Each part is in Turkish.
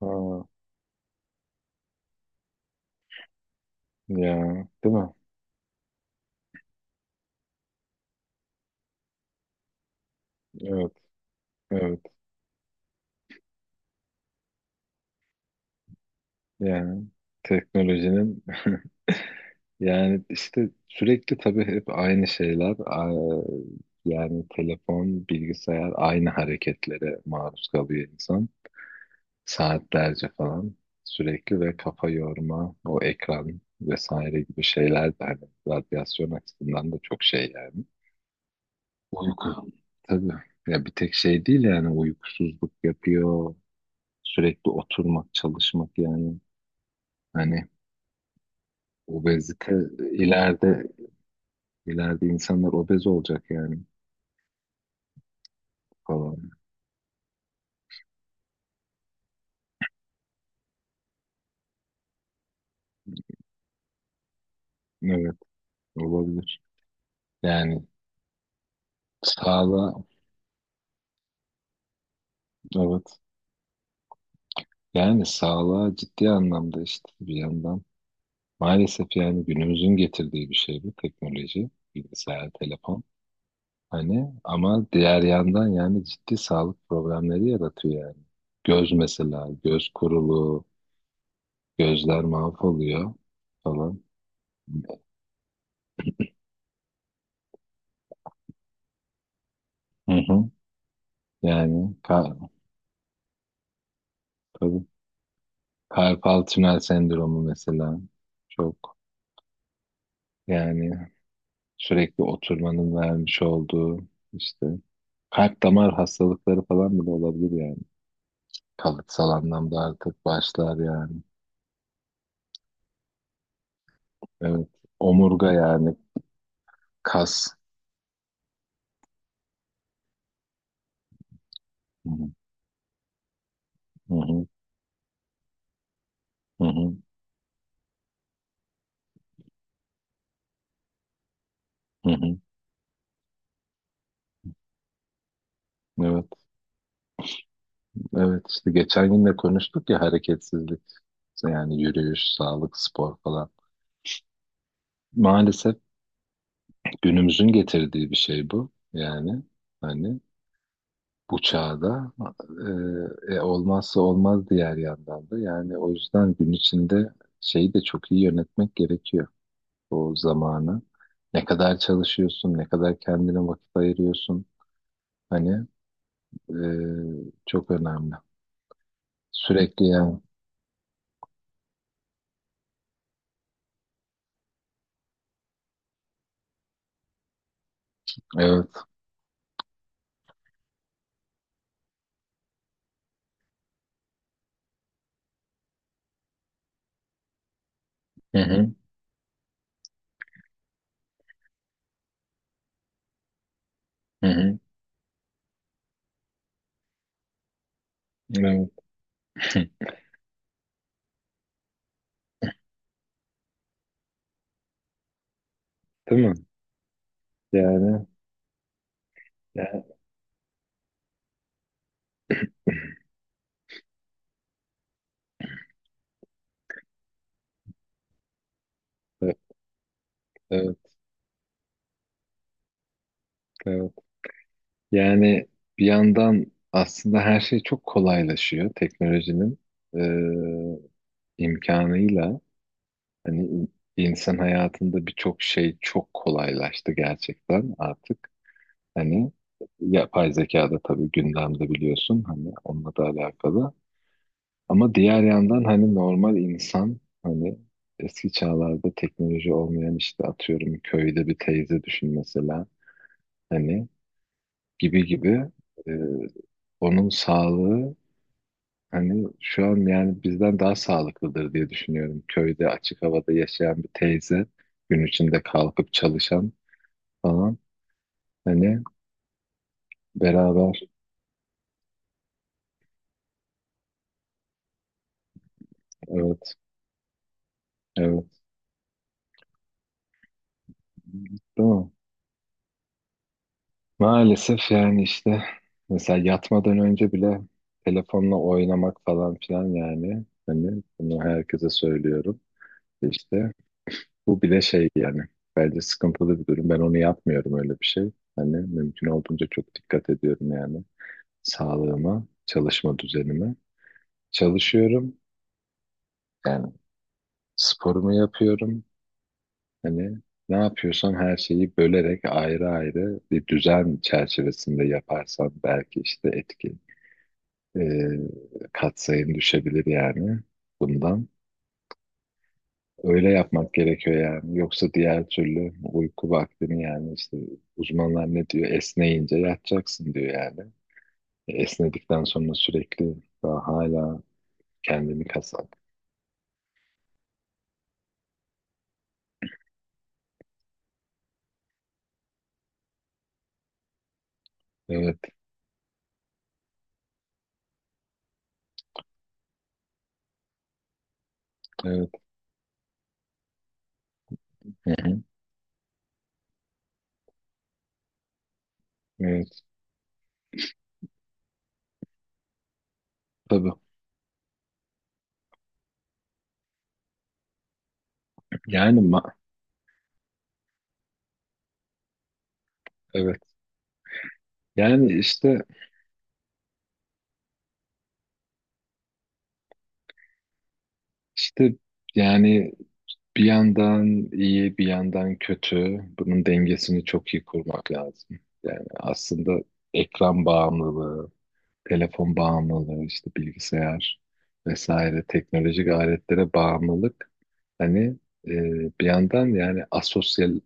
Ha, ya değil mi? Evet, evet. Yani teknolojinin yani işte sürekli tabii hep aynı şeyler. Yani telefon, bilgisayar aynı hareketlere maruz kalıyor insan. Saatlerce falan sürekli ve kafa yorma, o ekran vesaire gibi şeyler de hani radyasyon açısından da çok şey yani. Uyku. Tabii. Ya bir tek şey değil yani uykusuzluk yapıyor. Sürekli oturmak, çalışmak yani. Hani obezite ileride ileride insanlar obez olacak yani falan. Evet olabilir. Yani sağlığa evet yani sağlığa ciddi anlamda işte bir yandan maalesef yani günümüzün getirdiği bir şey bu teknoloji, bilgisayar, telefon. Hani ama diğer yandan yani ciddi sağlık problemleri yaratıyor yani. Göz mesela, göz kuruluğu, gözler mahvoluyor falan. Hı hı. Yani ka- tabii. Karpal tünel sendromu mesela çok yani sürekli oturmanın vermiş olduğu işte kalp damar hastalıkları falan bile olabilir yani. Kalıtsal anlamda artık başlar yani. Evet. Omurga yani kas. Hı hı, hı hı, hı hı, hı Evet. Evet işte geçen gün de konuştuk ya hareketsizlik. İşte yani yürüyüş, sağlık, spor falan. Maalesef günümüzün getirdiği bir şey bu. Yani hani bu çağda. Olmazsa olmaz diğer yandan da. Yani o yüzden gün içinde şeyi de çok iyi yönetmek gerekiyor. O zamanı. Ne kadar çalışıyorsun, ne kadar kendine vakit ayırıyorsun. Hani e, çok önemli. Sürekli yani. Evet. Hı hı. Hı hı. Evet. Değil mi? Yani, yani evet, evet, evet. Yani bir yandan aslında her şey çok kolaylaşıyor teknolojinin e, imkanıyla. Hani insan hayatında birçok şey çok kolaylaştı gerçekten artık. Hani yapay zeka da tabii gündemde biliyorsun hani onunla da alakalı. Ama diğer yandan hani normal insan hani eski çağlarda teknoloji olmayan işte atıyorum köyde bir teyze düşün mesela hani gibi gibi e, onun sağlığı hani şu an yani bizden daha sağlıklıdır diye düşünüyorum. Köyde açık havada yaşayan bir teyze, gün içinde kalkıp çalışan falan. Hani beraber evet evet değil mi? Maalesef yani işte mesela yatmadan önce bile telefonla oynamak falan filan yani hani bunu herkese söylüyorum. İşte bu bile şey yani bence sıkıntılı bir durum. Ben onu yapmıyorum öyle bir şey. Hani mümkün olduğunca çok dikkat ediyorum yani sağlığıma, çalışma düzenime. Çalışıyorum yani sporumu yapıyorum. Hani ne yapıyorsam her şeyi bölerek ayrı ayrı bir düzen çerçevesinde yaparsam belki işte etki e, katsayım düşebilir yani bundan. Öyle yapmak gerekiyor yani. Yoksa diğer türlü uyku vaktini yani işte uzmanlar ne diyor? Esneyince yatacaksın diyor yani. Esnedikten sonra sürekli daha hala kendini kasar. Evet, evet. Hı hı. Evet. Tabii. Yani ma- evet. Yani işte yani bir yandan iyi bir yandan kötü. Bunun dengesini çok iyi kurmak lazım. Yani aslında ekran bağımlılığı, telefon bağımlılığı, işte bilgisayar vesaire teknolojik aletlere bağımlılık hani e, bir yandan yani asosyaliteyi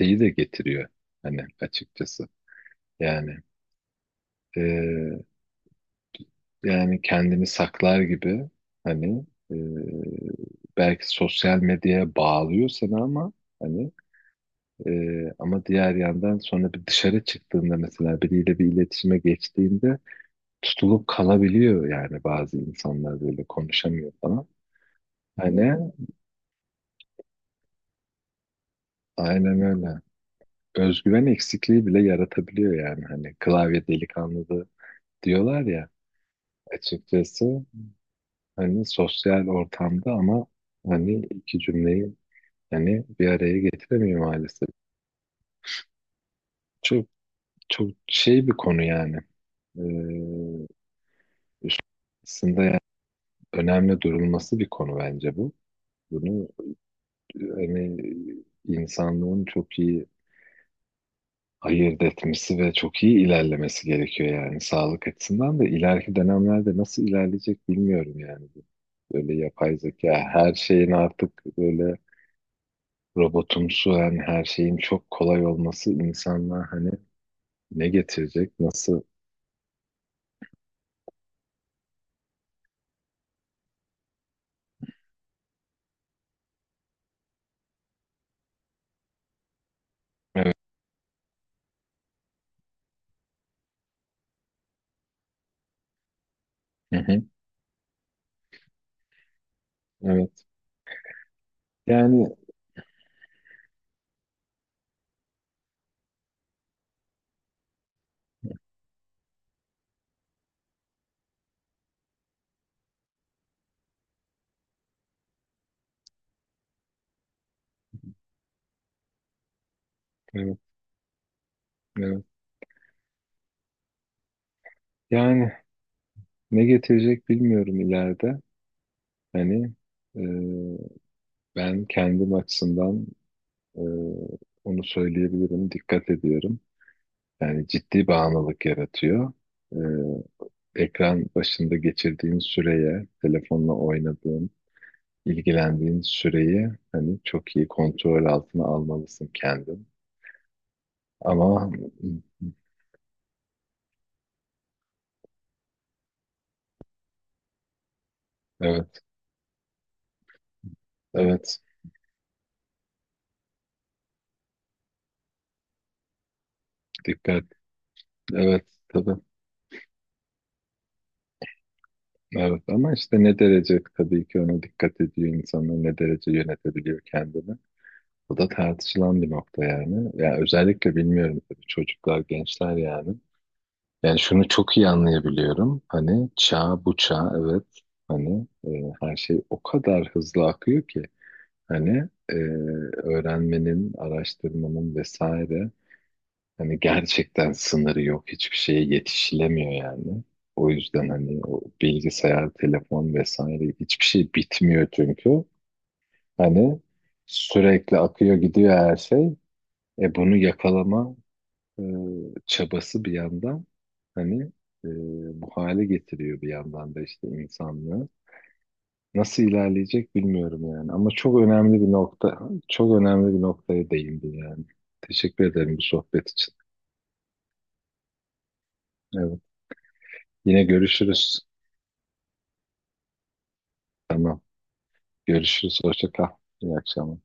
de getiriyor hani açıkçası. Yani e, yani kendini saklar gibi hani belki sosyal medyaya bağlıyor seni ama hani e, ama diğer yandan sonra bir dışarı çıktığında mesela biriyle bir iletişime geçtiğinde tutulup kalabiliyor yani bazı insanlar böyle konuşamıyor falan. Hani aynen öyle. Özgüven eksikliği bile yaratabiliyor yani hani klavye delikanlısı diyorlar ya açıkçası hani sosyal ortamda ama hani iki cümleyi yani bir araya getiremiyor maalesef. Çok çok şey bir konu yani. Ee, Aslında yani önemli durulması bir konu bence bu. Bunu hani insanlığın çok iyi ayırt etmesi ve çok iyi ilerlemesi gerekiyor yani sağlık açısından da ileriki dönemlerde nasıl ilerleyecek bilmiyorum yani bu. Böyle yapay zeka her şeyin artık böyle robotumsu yani her şeyin çok kolay olması insanlığa hani ne getirecek nasıl evet. Hı hı. Evet. Yani evet, evet. Yani ne getirecek bilmiyorum ileride. Hani e, ben kendim açısından e, onu söyleyebilirim. Dikkat ediyorum. Yani ciddi bağımlılık yaratıyor. E, Ekran başında geçirdiğin süreye, telefonla oynadığın, ilgilendiğin süreyi hani çok iyi kontrol altına almalısın kendin. Ama evet, evet, dikkat, evet, tabii. Evet ama işte ne derece tabii ki ona dikkat ediyor insanlar, ne derece yönetebiliyor kendini. Bu da tartışılan bir nokta yani. Ya özellikle bilmiyorum tabii çocuklar, gençler yani. Yani şunu çok iyi anlayabiliyorum. Hani çağ bu çağ evet hani her şey o kadar hızlı akıyor ki hani öğrenmenin, araştırmanın vesaire hani gerçekten sınırı yok. Hiçbir şeye yetişilemiyor yani. O yüzden hani o bilgisayar, telefon vesaire hiçbir şey bitmiyor çünkü. Hani sürekli akıyor gidiyor her şey. E bunu yakalama e, çabası bir yandan hani e, bu hale getiriyor bir yandan da işte insanlığı. Nasıl ilerleyecek bilmiyorum yani. Ama çok önemli bir nokta, çok önemli bir noktaya değindin yani. Teşekkür ederim bu sohbet için. Evet. Yine görüşürüz. Tamam. Görüşürüz. Hoşça kal. İyi akşamlar.